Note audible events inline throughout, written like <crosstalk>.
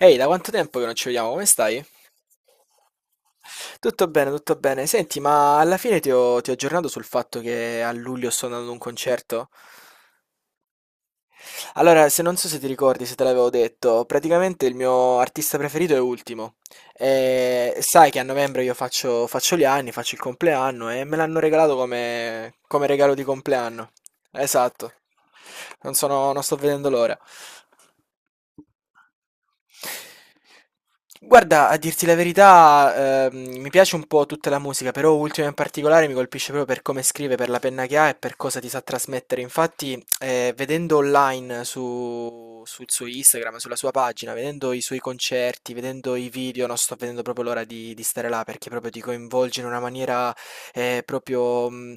Ehi, da quanto tempo che non ci vediamo? Come stai? Tutto bene, tutto bene. Senti, ma alla fine ti ho aggiornato sul fatto che a luglio sto andando ad un concerto? Allora, se non so se ti ricordi, se te l'avevo detto, praticamente il mio artista preferito è Ultimo. E sai che a novembre io faccio gli anni, faccio il compleanno e me l'hanno regalato come regalo di compleanno. Esatto. Non sto vedendo l'ora. Guarda, a dirti la verità, mi piace un po' tutta la musica, però Ultimo in particolare mi colpisce proprio per come scrive, per la penna che ha e per cosa ti sa trasmettere. Infatti, vedendo online sul suo Instagram, sulla sua pagina, vedendo i suoi concerti, vedendo i video, non sto vedendo proprio l'ora di stare là perché proprio ti coinvolge in una maniera eh, proprio, mh,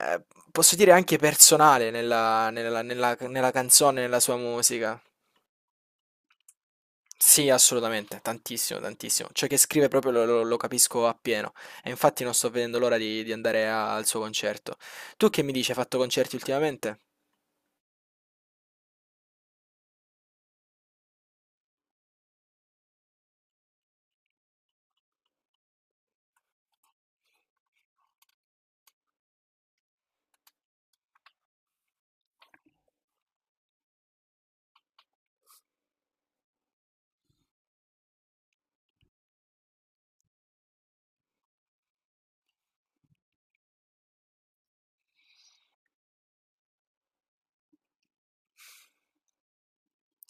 eh, posso dire anche personale nella canzone, nella sua musica. Sì, assolutamente, tantissimo, tantissimo. Ciò che scrive proprio lo capisco appieno. E infatti non sto vedendo l'ora di andare al suo concerto. Tu che mi dici, hai fatto concerti ultimamente?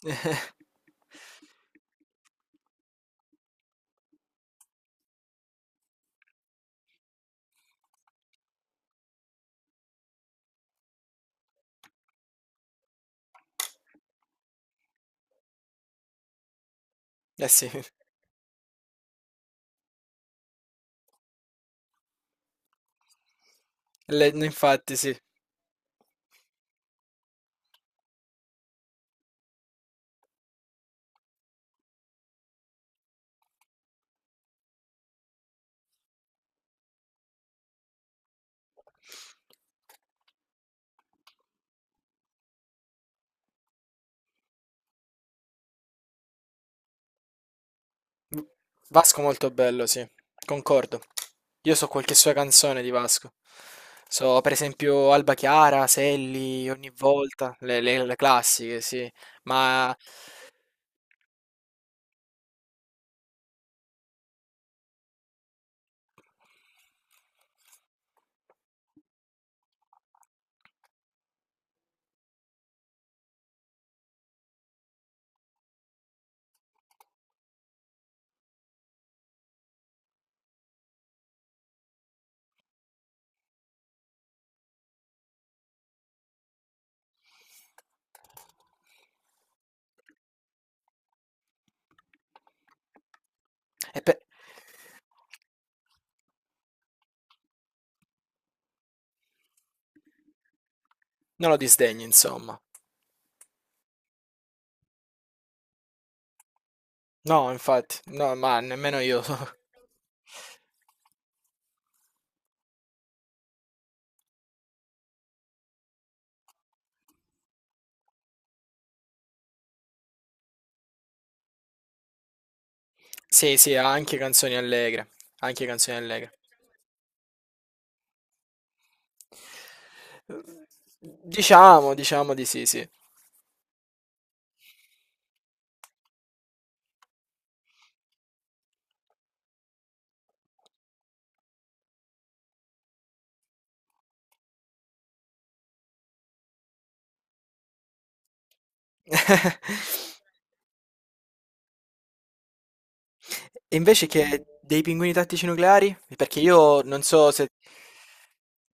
<laughs> Eh sì, <laughs> infatti sì. V- Vasco molto bello, sì, concordo. Io so qualche sua canzone di Vasco. So per esempio Alba Chiara, Selli, ogni volta, le classiche, sì. Ma e pe- Non lo disdegno, insomma. No, infatti, no, ma nemmeno io. <laughs> Sì, sì, ha anche canzoni allegre, anche canzoni allegre. Diciamo di sì, sì. <laughs> E invece che dei pinguini tattici nucleari? Perché io non so se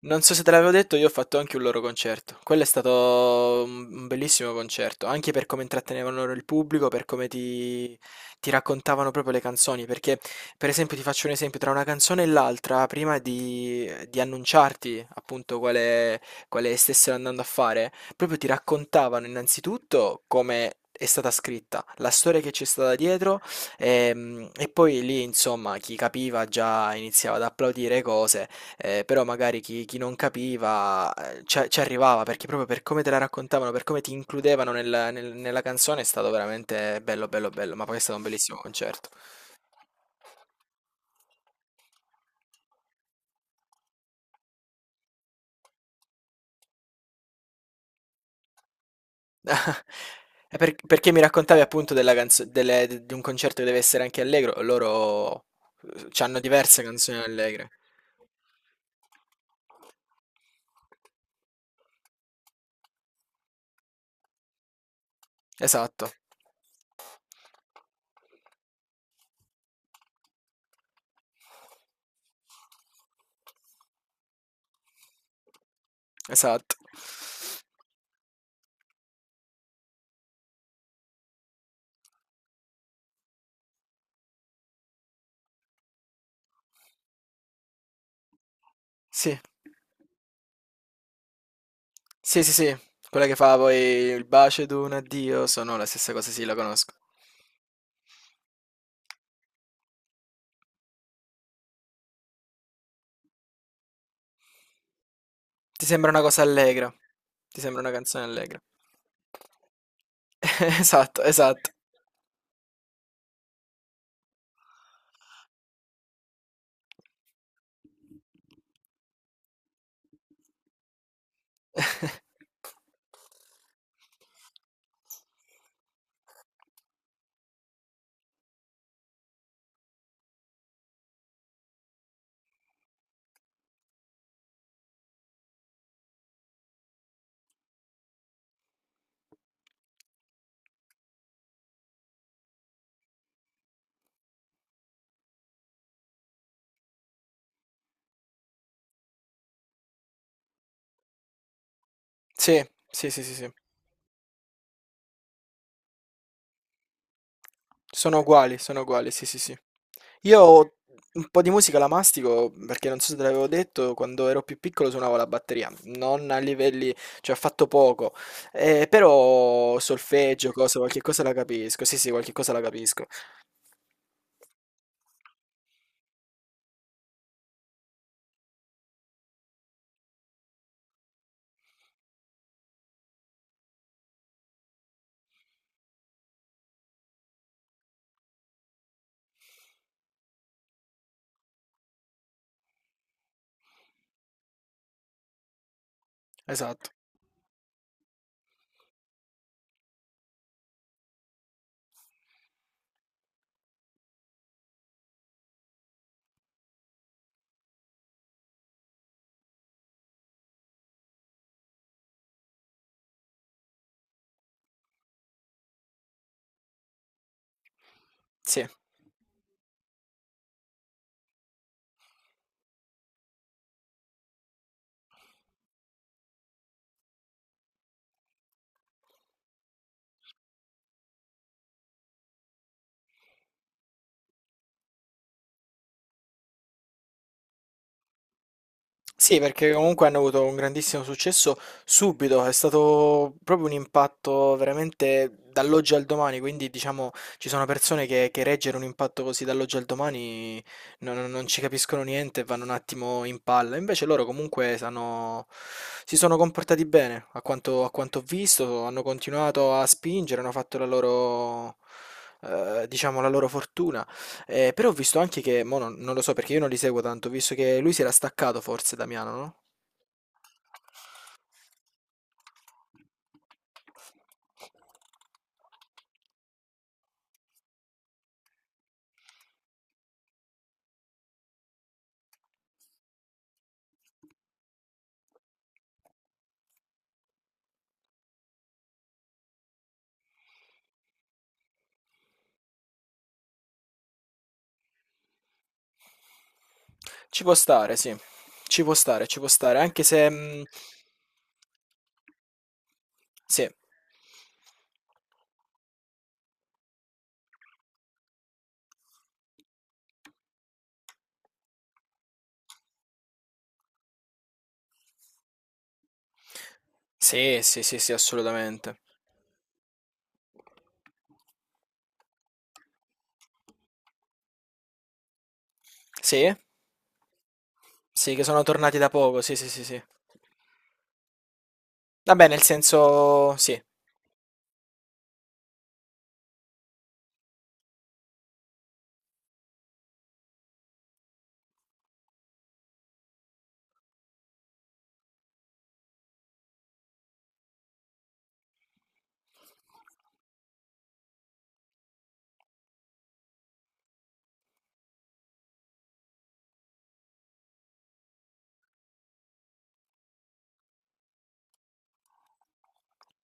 non so se te l'avevo detto, io ho fatto anche un loro concerto. Quello è stato un bellissimo concerto, anche per come intrattenevano loro il pubblico, per come ti raccontavano proprio le canzoni. Perché, per esempio, ti faccio un esempio, tra una canzone e l'altra, prima di annunciarti appunto quale stessero andando a fare, proprio ti raccontavano innanzitutto come è stata scritta, la storia che c'è stata dietro, e poi lì, insomma, chi capiva già iniziava ad applaudire cose. Però magari chi non capiva, ce ci arrivava, perché proprio per come te la raccontavano, per come ti includevano nel nella canzone. È stato veramente bello, bello, bello, ma poi è stato un bellissimo concerto. <laughs> Perché mi raccontavi appunto della canzo delle d di un concerto che deve essere anche allegro, loro, c'hanno diverse canzoni allegre. Esatto, esatto. Sì. Sì, sì, sì, quella che fa poi il bacio ed un addio sono la stessa cosa, sì, la conosco. Ti sembra una cosa allegra. Ti sembra una canzone allegra. <laughs> Esatto, esatto. Sì, sì, sì, sì, sì. Sono uguali, sì, sì, sì. Io un po' di musica la mastico perché non so se te l'avevo detto, quando ero più piccolo suonavo la batteria, non a livelli, cioè ho fatto poco, però solfeggio, cosa, qualche cosa la capisco, sì sì, qualche cosa la capisco, esatto, sì. Sì, perché comunque hanno avuto un grandissimo successo subito, è stato proprio un impatto veramente dall'oggi al domani, quindi diciamo ci sono persone che reggere un impatto così dall'oggi al domani non ci capiscono niente e vanno un attimo in palla, invece loro comunque sanno, si sono comportati bene, a quanto ho visto, hanno continuato a spingere, hanno fatto la loro, diciamo, la loro fortuna. Però ho visto anche che, mo non, non lo so perché io non li seguo tanto, ho visto che lui si era staccato forse Damiano, no? Ci può stare, sì. Ci può stare, anche se... sì. Sì, sì, sì, sì, assolutamente. Sì? Sì, che sono tornati da poco, sì, sì, sì, sì. Vabbè, nel senso, sì,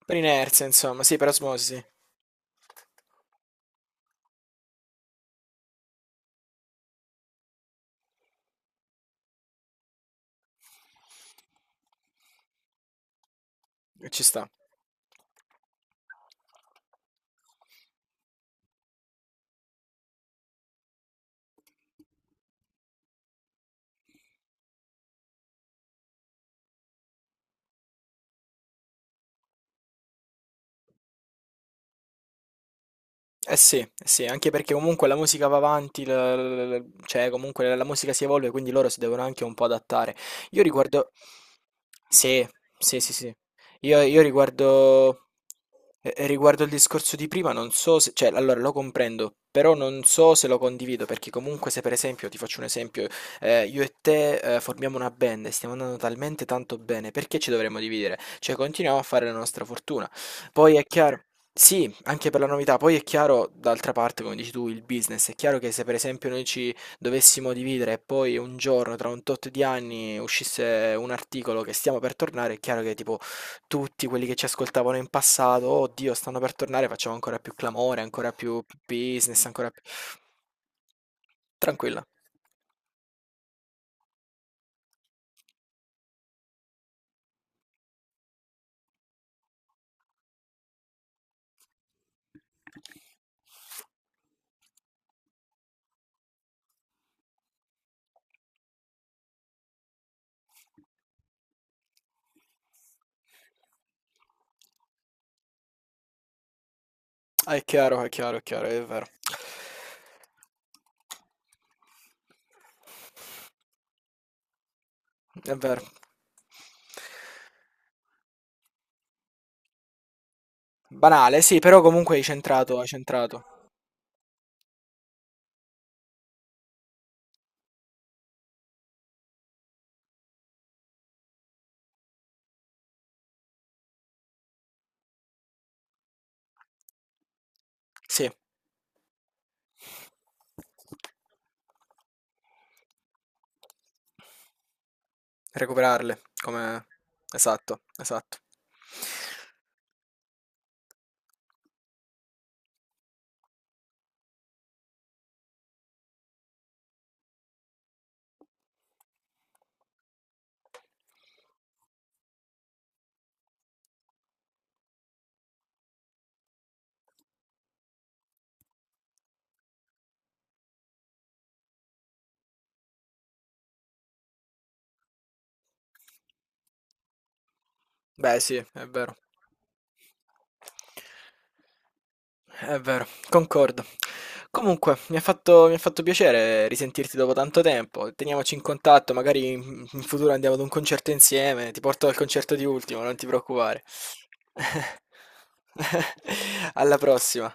per inerzia, insomma, sì, per osmosi, sì, ci sta. Sì, eh sì, anche perché comunque la musica va avanti, cioè comunque la musica si evolve, quindi loro si devono anche un po' adattare. Io riguardo... Sì, sì, sì, sì. Io riguardo... Riguardo il discorso di prima, non so se... Cioè, allora lo comprendo, però non so se lo condivido, perché comunque se per esempio, ti faccio un esempio, io e te formiamo una band e stiamo andando talmente tanto bene, perché ci dovremmo dividere? Cioè, continuiamo a fare la nostra fortuna. Poi è chiaro... Sì, anche per la novità. Poi è chiaro, d'altra parte, come dici tu, il business. È chiaro che se per esempio noi ci dovessimo dividere e poi un giorno, tra un tot di anni, uscisse un articolo che stiamo per tornare, è chiaro che tipo tutti quelli che ci ascoltavano in passato, oh Dio, stanno per tornare, facciamo ancora più clamore, ancora più business, ancora più... Tranquilla. Ah, è chiaro, è chiaro, è chiaro, è vero. È vero. Banale, sì, però comunque hai centrato, hai centrato. Sì, recuperarle, come... Esatto, esatto. Beh sì, è vero. È vero, concordo. Comunque, mi ha fatto piacere risentirti dopo tanto tempo. Teniamoci in contatto, magari in futuro andiamo ad un concerto insieme. Ti porto al concerto di Ultimo, non ti preoccupare. <laughs> Alla prossima.